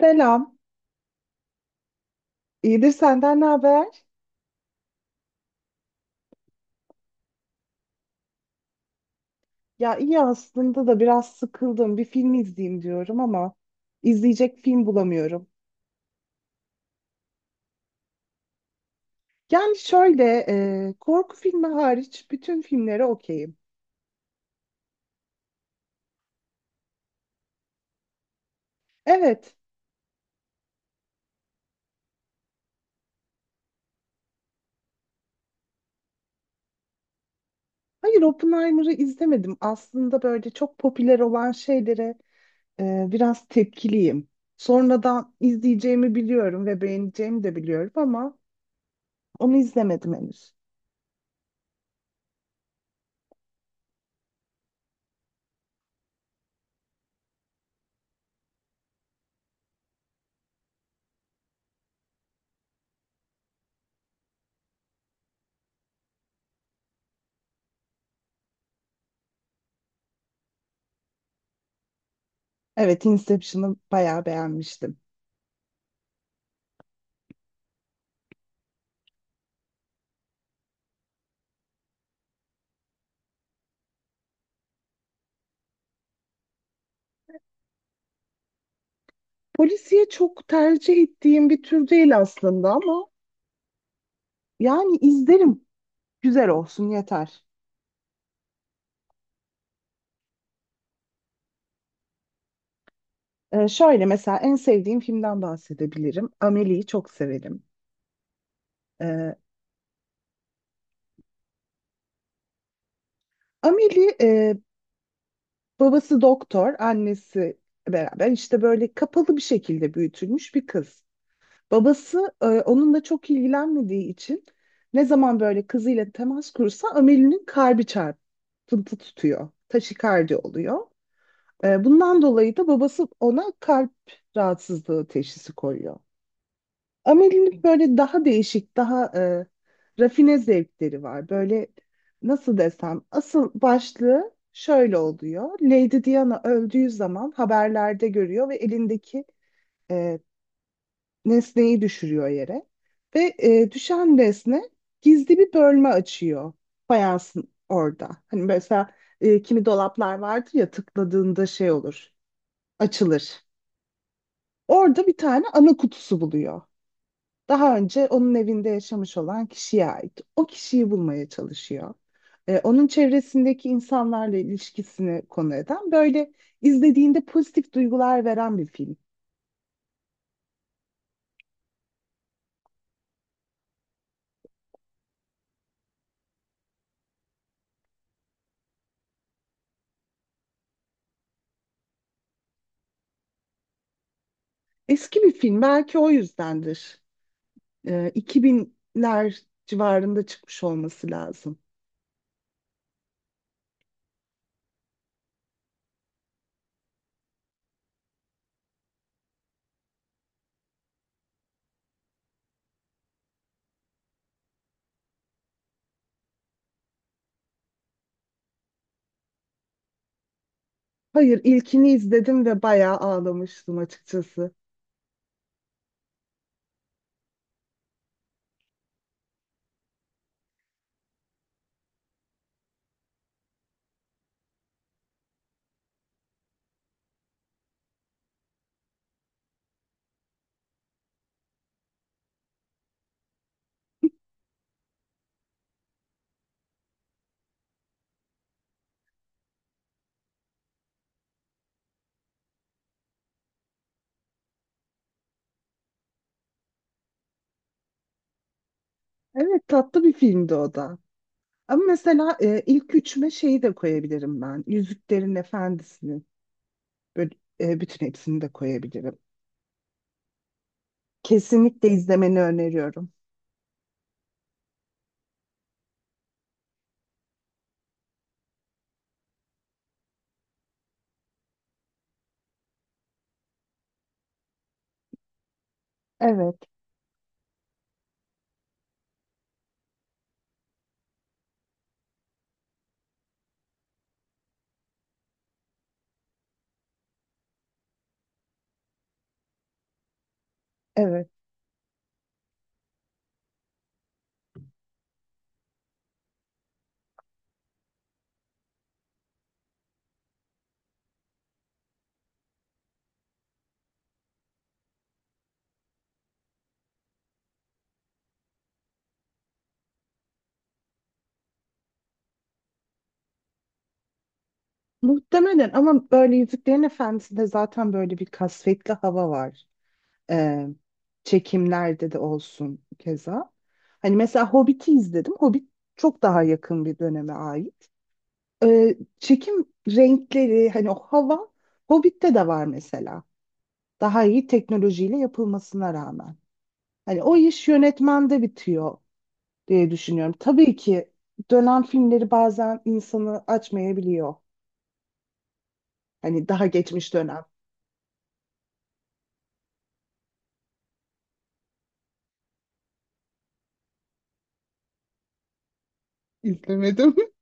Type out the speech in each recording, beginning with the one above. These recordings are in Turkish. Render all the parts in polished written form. Selam. İyidir, senden ne haber? Ya iyi aslında da biraz sıkıldım. Bir film izleyeyim diyorum ama izleyecek film bulamıyorum. Yani şöyle Korku filmi hariç bütün filmlere okeyim. Evet. Hayır, Oppenheimer'ı izlemedim. Aslında böyle çok popüler olan şeylere biraz tepkiliyim. Sonradan izleyeceğimi biliyorum ve beğeneceğimi de biliyorum ama onu izlemedim henüz. Evet, Inception'ı bayağı beğenmiştim. Polisiye çok tercih ettiğim bir tür değil aslında ama yani izlerim. Güzel olsun yeter. Şöyle, mesela en sevdiğim filmden bahsedebilirim. Amelie'yi çok severim. Ee, Amelie, babası doktor, annesi beraber işte böyle kapalı bir şekilde büyütülmüş bir kız. Babası onunla çok ilgilenmediği için ne zaman böyle kızıyla temas kursa Amelie'nin kalbi çarpıntı tutuyor. Taşikardi oluyor. Bundan dolayı da babası ona kalp rahatsızlığı teşhisi koyuyor. Amelie'nin böyle daha değişik, daha rafine zevkleri var. Böyle nasıl desem, asıl başlığı şöyle oluyor. Lady Diana öldüğü zaman haberlerde görüyor ve elindeki e, nesneyi düşürüyor yere. Ve düşen nesne gizli bir bölme açıyor fayansın orada. Hani mesela kimi dolaplar vardır ya, tıkladığında şey olur, açılır. Orada bir tane ana kutusu buluyor. Daha önce onun evinde yaşamış olan kişiye ait. O kişiyi bulmaya çalışıyor. Onun çevresindeki insanlarla ilişkisini konu eden, böyle izlediğinde pozitif duygular veren bir film. Eski bir film, belki o yüzdendir. 2000'ler civarında çıkmış olması lazım. Hayır, ilkini izledim ve bayağı ağlamıştım açıkçası. Evet, tatlı bir filmdi o da. Ama mesela, ilk üçüme şeyi de koyabilirim ben. Yüzüklerin Efendisi'ni. Böyle, Bütün hepsini de koyabilirim. Kesinlikle izlemeni öneriyorum. Evet, evet. Muhtemelen, ama böyle Yüzüklerin Efendisi'nde zaten böyle bir kasvetli hava var. E, Çekimlerde de olsun keza. Hani mesela Hobbit'i izledim. Hobbit çok daha yakın bir döneme ait. Çekim renkleri, hani o hava Hobbit'te de var mesela. Daha iyi teknolojiyle yapılmasına rağmen. Hani o iş yönetmende bitiyor diye düşünüyorum. Tabii ki dönen filmleri bazen insanı açmayabiliyor. Hani daha geçmiş dönem. İzlemedim.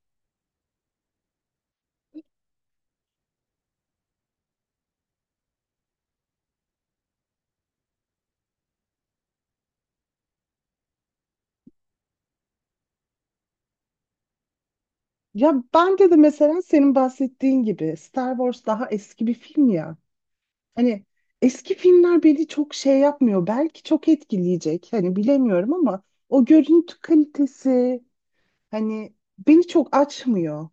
Ya bence de, mesela senin bahsettiğin gibi Star Wars daha eski bir film ya. Hani eski filmler beni çok şey yapmıyor. Belki çok etkileyecek, hani bilemiyorum ama o görüntü kalitesi hani beni çok açmıyor.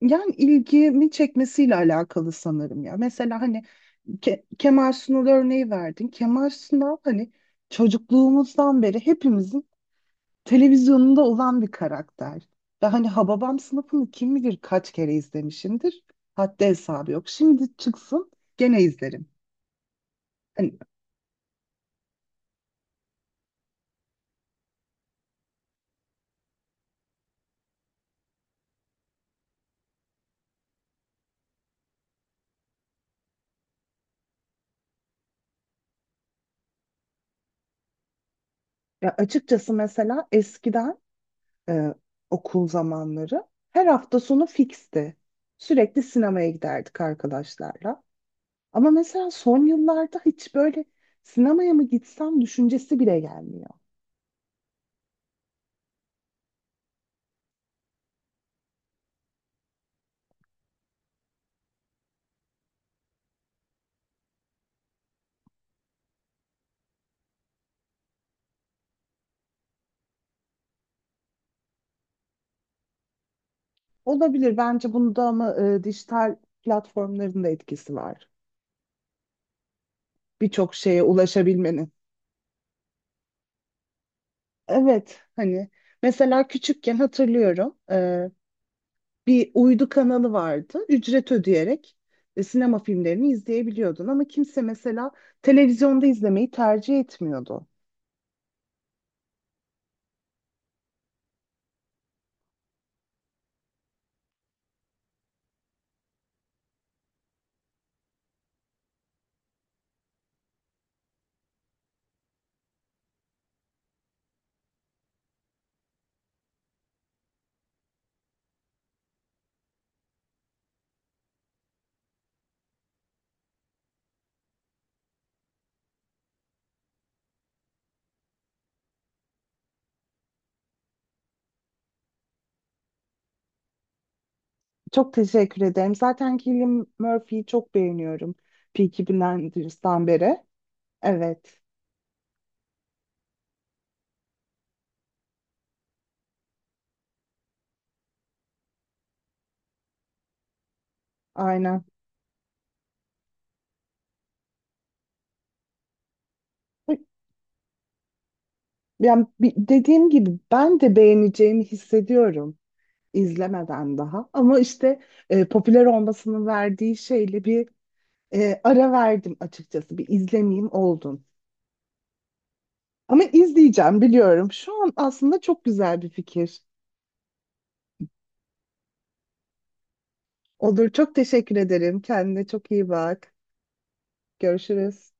Yani ilgimi çekmesiyle alakalı sanırım ya. Mesela hani Kemal Sunal örneği verdin. Kemal Sunal hani çocukluğumuzdan beri hepimizin televizyonunda olan bir karakter. Ve hani Hababam sınıfını kim bilir kaç kere izlemişimdir. Haddi hesabı yok. Şimdi çıksın gene izlerim. Hani Ya açıkçası, mesela eskiden, e, okul zamanları, her hafta sonu fiksti. Sürekli sinemaya giderdik arkadaşlarla. Ama mesela son yıllarda hiç böyle sinemaya mı gitsem düşüncesi bile gelmiyor. Olabilir, bence bunda ama dijital platformların da etkisi var. Birçok şeye ulaşabilmenin. Evet, hani mesela küçükken hatırlıyorum, bir uydu kanalı vardı, ücret ödeyerek sinema filmlerini izleyebiliyordun ama kimse mesela televizyonda izlemeyi tercih etmiyordu. Çok teşekkür ederim. Zaten Cillian Murphy'yi çok beğeniyorum Peaky Blinders'tan beri. Evet, aynen. Yani dediğim gibi ben de beğeneceğimi hissediyorum izlemeden daha, ama işte popüler olmasının verdiği şeyle bir ara verdim açıkçası. Bir izlemeyeyim oldum. Ama izleyeceğim, biliyorum. Şu an aslında çok güzel bir fikir. Olur, çok teşekkür ederim. Kendine çok iyi bak. Görüşürüz.